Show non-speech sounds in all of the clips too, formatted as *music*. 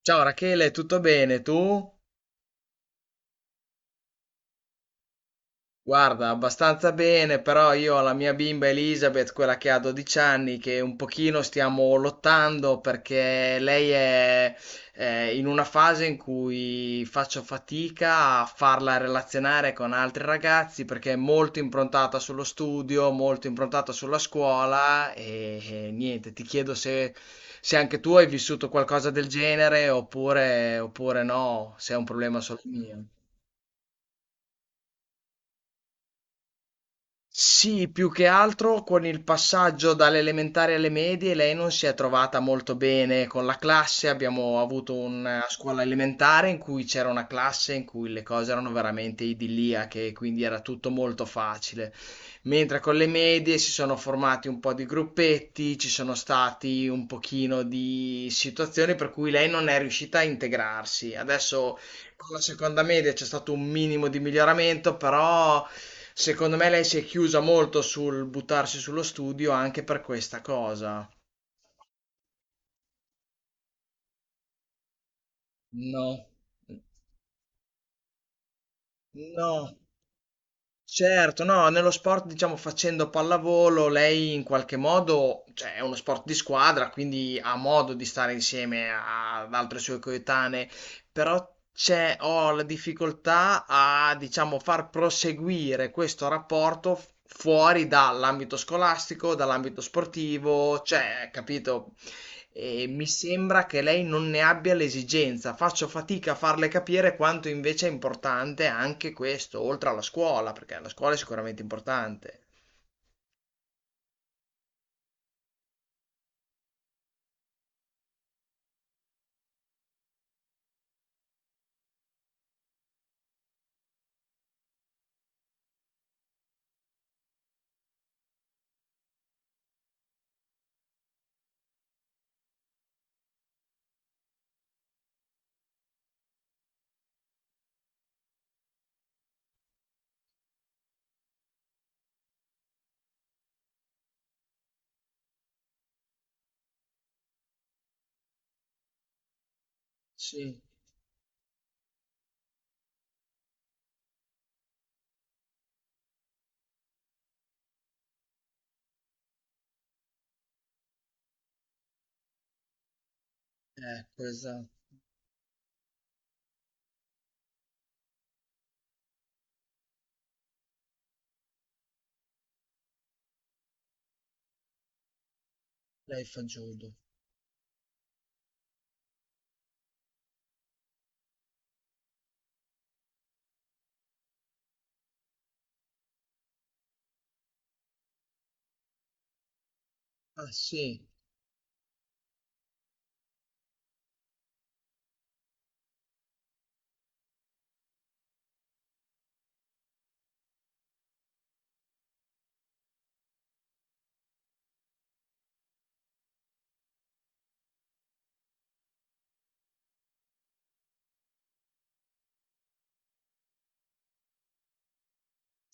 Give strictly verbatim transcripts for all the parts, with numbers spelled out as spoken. Ciao Rachele, tutto bene? Tu? Guarda, abbastanza bene, però io ho la mia bimba Elizabeth, quella che ha dodici anni, che un pochino stiamo lottando perché lei è eh, in una fase in cui faccio fatica a farla relazionare con altri ragazzi perché è molto improntata sullo studio, molto improntata sulla scuola e, e niente, ti chiedo se, se anche tu hai vissuto qualcosa del genere oppure, oppure no, se è un problema solo mio. Sì, più che altro con il passaggio dalle elementari alle medie lei non si è trovata molto bene con la classe. Abbiamo avuto una scuola elementare in cui c'era una classe in cui le cose erano veramente idilliache, quindi era tutto molto facile. Mentre con le medie si sono formati un po' di gruppetti, ci sono stati un pochino di situazioni per cui lei non è riuscita a integrarsi. Adesso con la seconda media c'è stato un minimo di miglioramento, però secondo me lei si è chiusa molto sul buttarsi sullo studio anche per questa cosa. No, no. Certo, no, nello sport, diciamo, facendo pallavolo, lei in qualche modo, cioè, è uno sport di squadra, quindi ha modo di stare insieme a- ad altre sue coetanee, però c'è, ho la difficoltà a, diciamo, far proseguire questo rapporto f- fuori dall'ambito scolastico, dall'ambito sportivo, cioè, capito? E mi sembra che lei non ne abbia l'esigenza. Faccio fatica a farle capire quanto invece è importante anche questo, oltre alla scuola, perché la scuola è sicuramente importante. Sì, ecco, esatto. Lei fa judo. Ah, sì.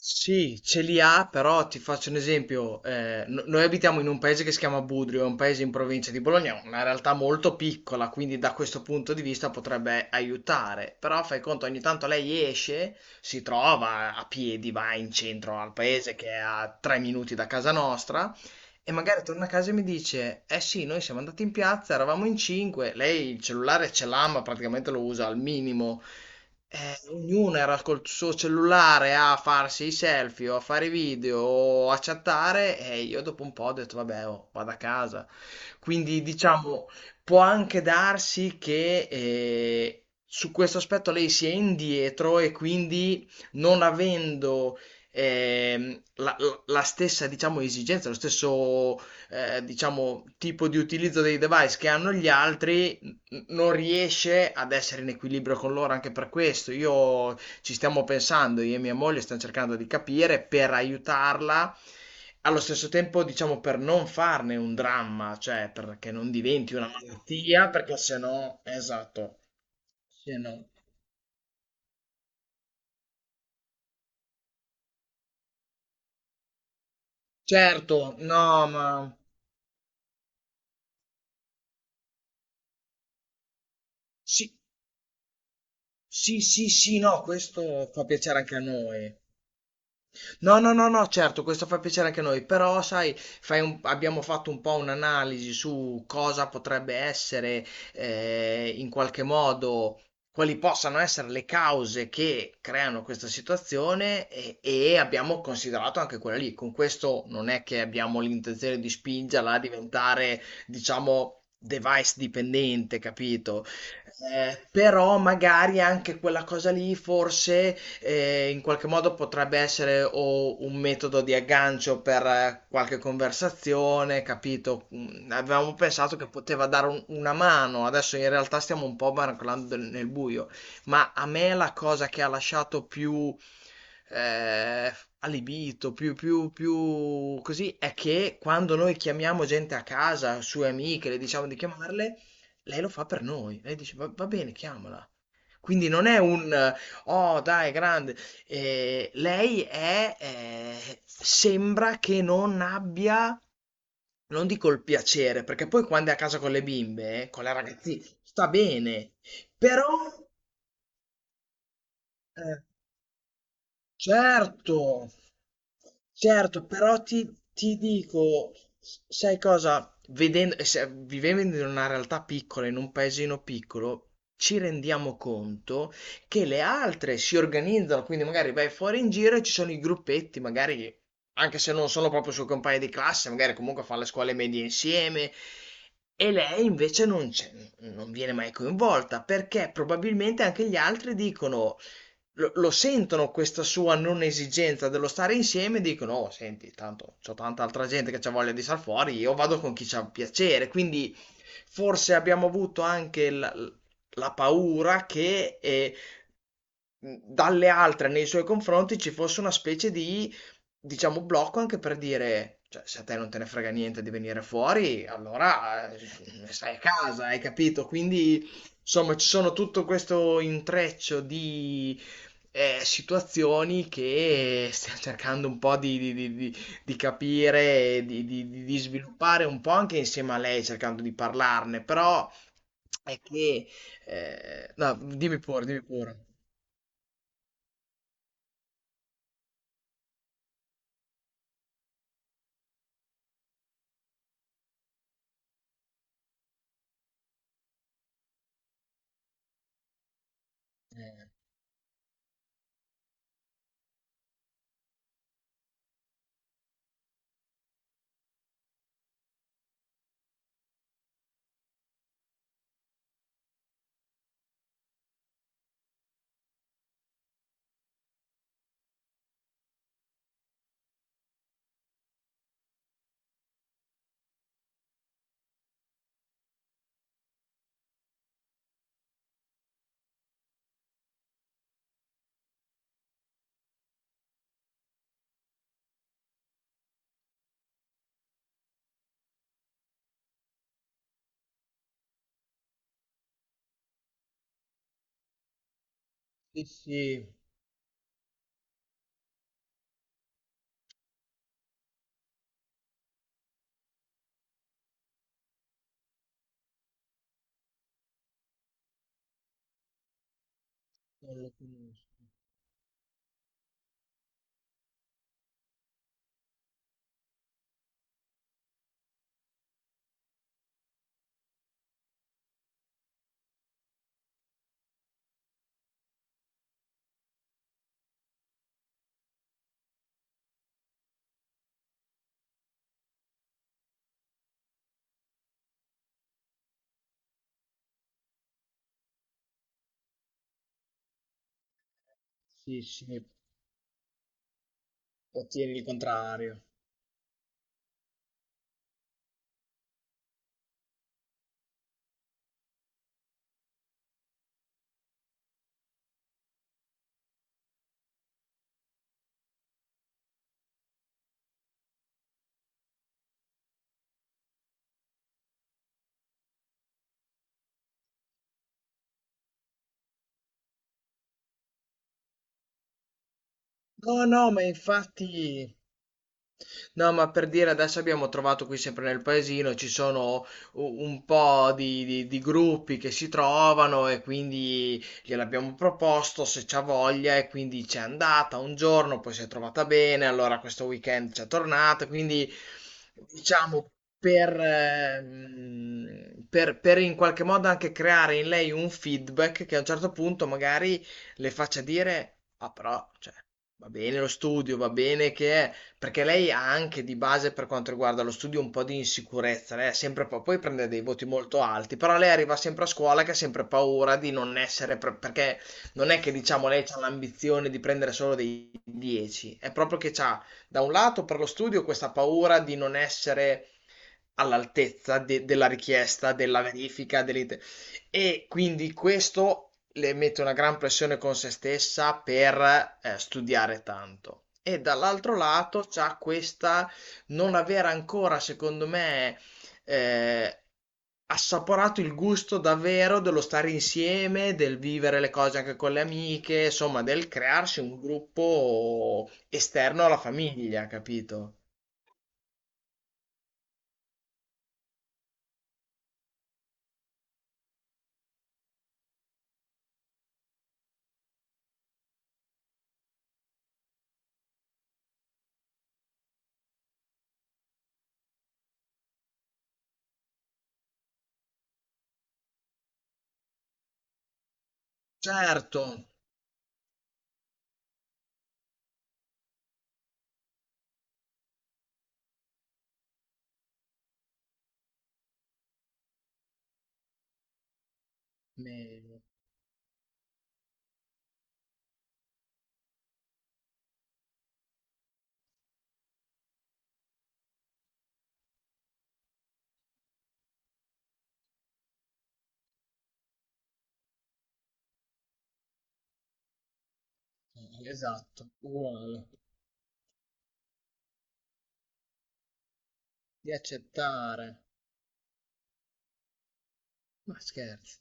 Sì, ce li ha, però ti faccio un esempio. Eh, no- noi abitiamo in un paese che si chiama Budrio, è un paese in provincia di Bologna, una realtà molto piccola, quindi da questo punto di vista potrebbe aiutare. Però fai conto, ogni tanto lei esce, si trova a piedi, va in centro al paese che è a tre minuti da casa nostra, e magari torna a casa e mi dice: eh sì, noi siamo andati in piazza, eravamo in cinque, lei il cellulare ce l'ha, ma praticamente lo usa al minimo. Eh, ognuno era col suo cellulare a farsi i selfie o a fare i video o a chattare e io dopo un po' ho detto vabbè, oh, vado a casa. Quindi diciamo, può anche darsi che eh, su questo aspetto lei sia indietro e quindi non avendo ehm, la, la- la stessa, diciamo, esigenza, lo stesso, eh, diciamo, tipo di utilizzo dei device che hanno gli altri, n- non riesce ad essere in equilibrio con loro anche per questo. Io ci stiamo pensando, io e mia moglie stiamo cercando di capire per aiutarla. Allo stesso tempo, diciamo, per non farne un dramma, cioè perché non diventi una malattia, perché se no, esatto, se no. Certo, no, ma sì, sì, sì, sì, no, questo fa piacere anche a noi. No, no, no, no, certo, questo fa piacere anche a noi, però sai, fai un- abbiamo fatto un po' un'analisi su cosa potrebbe essere, eh, in qualche modo, quali possano essere le cause che creano questa situazione e, e abbiamo considerato anche quella lì. Con questo non è che abbiamo l'intenzione di spingerla a diventare, diciamo... device dipendente, capito? Eh, però magari anche quella cosa lì forse eh, in qualche modo potrebbe essere o un metodo di aggancio per eh, qualche conversazione, capito? Mm, avevamo pensato che poteva dare un- una mano, adesso in realtà stiamo un po' barcolando nel buio, ma a me la cosa che ha lasciato più eh, allibito, più, più, più così, è che quando noi chiamiamo gente a casa, sue amiche, le diciamo di chiamarle, lei lo fa per noi. Lei dice, va, va bene, chiamala. Quindi non è un eh, "Oh, dai, grande". Ehm, lei è ehm, sembra che non abbia, non dico il piacere, perché poi quando è a casa con le bimbe, eh, con le ragazzi sta bene, però eh. Certo, certo, però ti, ti dico, s- sai cosa? Vedendo, e se- Vivendo in una realtà piccola, in un paesino piccolo, ci rendiamo conto che le altre si organizzano, quindi magari vai fuori in giro e ci sono i gruppetti, magari anche se non sono proprio suoi compagni di classe, magari comunque fanno le scuole medie insieme. E lei invece non c'è, non viene mai coinvolta perché probabilmente anche gli altri dicono lo, lo sentono questa sua non esigenza dello stare insieme e dicono, oh, senti, tanto c'ho tanta altra gente che c'ha voglia di star fuori, io vado con chi c'ha piacere. Quindi forse abbiamo avuto anche la, la paura che eh, mh, dalle altre nei suoi confronti ci fosse una specie di, diciamo, blocco anche per dire, cioè, se a te non te ne frega niente di venire fuori, allora eh, stai a casa, hai capito? Quindi, insomma, ci sono tutto questo intreccio di eh, situazioni che stiamo cercando un po' di, di- di- di- di capire, e di, di- di- di sviluppare un po' anche insieme a lei, cercando di parlarne, però è che... eh, no, dimmi pure, dimmi pure. Sì, sì, non lo conosco. Sì, sì, ottieni il contrario. No, no, ma infatti no, ma per dire adesso abbiamo trovato qui sempre nel paesino, ci sono u- un po' di, di- di gruppi che si trovano e quindi gliel'abbiamo proposto se c'ha voglia e quindi c'è andata un giorno, poi si è trovata bene, allora questo weekend c'è tornata, quindi diciamo per, ehm, per, per in qualche modo anche creare in lei un feedback che a un certo punto magari le faccia dire, ah però, cioè, va bene lo studio, va bene che... è, perché lei ha anche di base per quanto riguarda lo studio un po' di insicurezza, lei ha sempre pa- poi prende dei voti molto alti, però lei arriva sempre a scuola che ha sempre paura di non essere, pre- perché non è che diciamo lei ha l'ambizione di prendere solo dei dieci, è proprio che ha da un lato per lo studio questa paura di non essere all'altezza de- della richiesta, della verifica, dell'ite- e quindi questo le mette una gran pressione con se stessa per eh, studiare tanto. E dall'altro lato c'ha questa non aver ancora, secondo me, eh, assaporato il gusto davvero dello stare insieme, del vivere le cose anche con le amiche, insomma, del crearsi un gruppo esterno alla famiglia, capito? Certo, meglio. Eh, Esatto, uguale. Di accettare. Ma scherzi.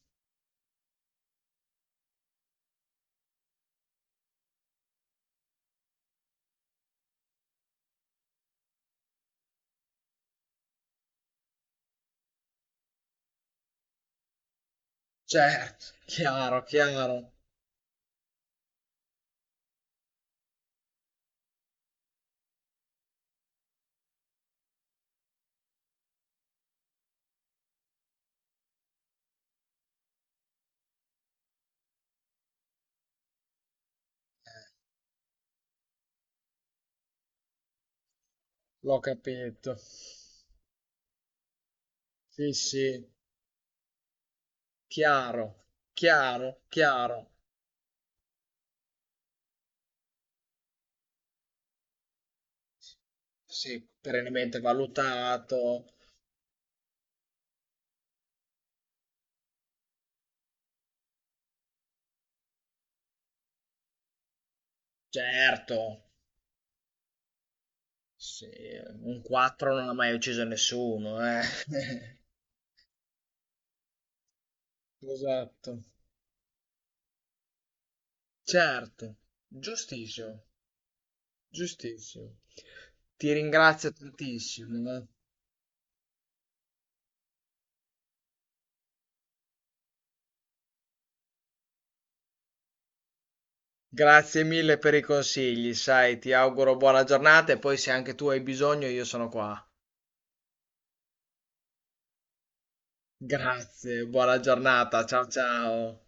Certo, chiaro, chiaro. Eh, L'ho capito. Sì, sì. Chiaro, chiaro, chiaro. Sì, perennemente valutato, certo. Sì, un quattro non ha mai ucciso nessuno, eh. *laughs* Esatto. Certo, giustissimo, giustissimo. Ti ringrazio tantissimo. Eh. Grazie mille per i consigli, sai, ti auguro buona giornata e poi se anche tu hai bisogno io sono qua. Grazie, buona giornata, ciao ciao.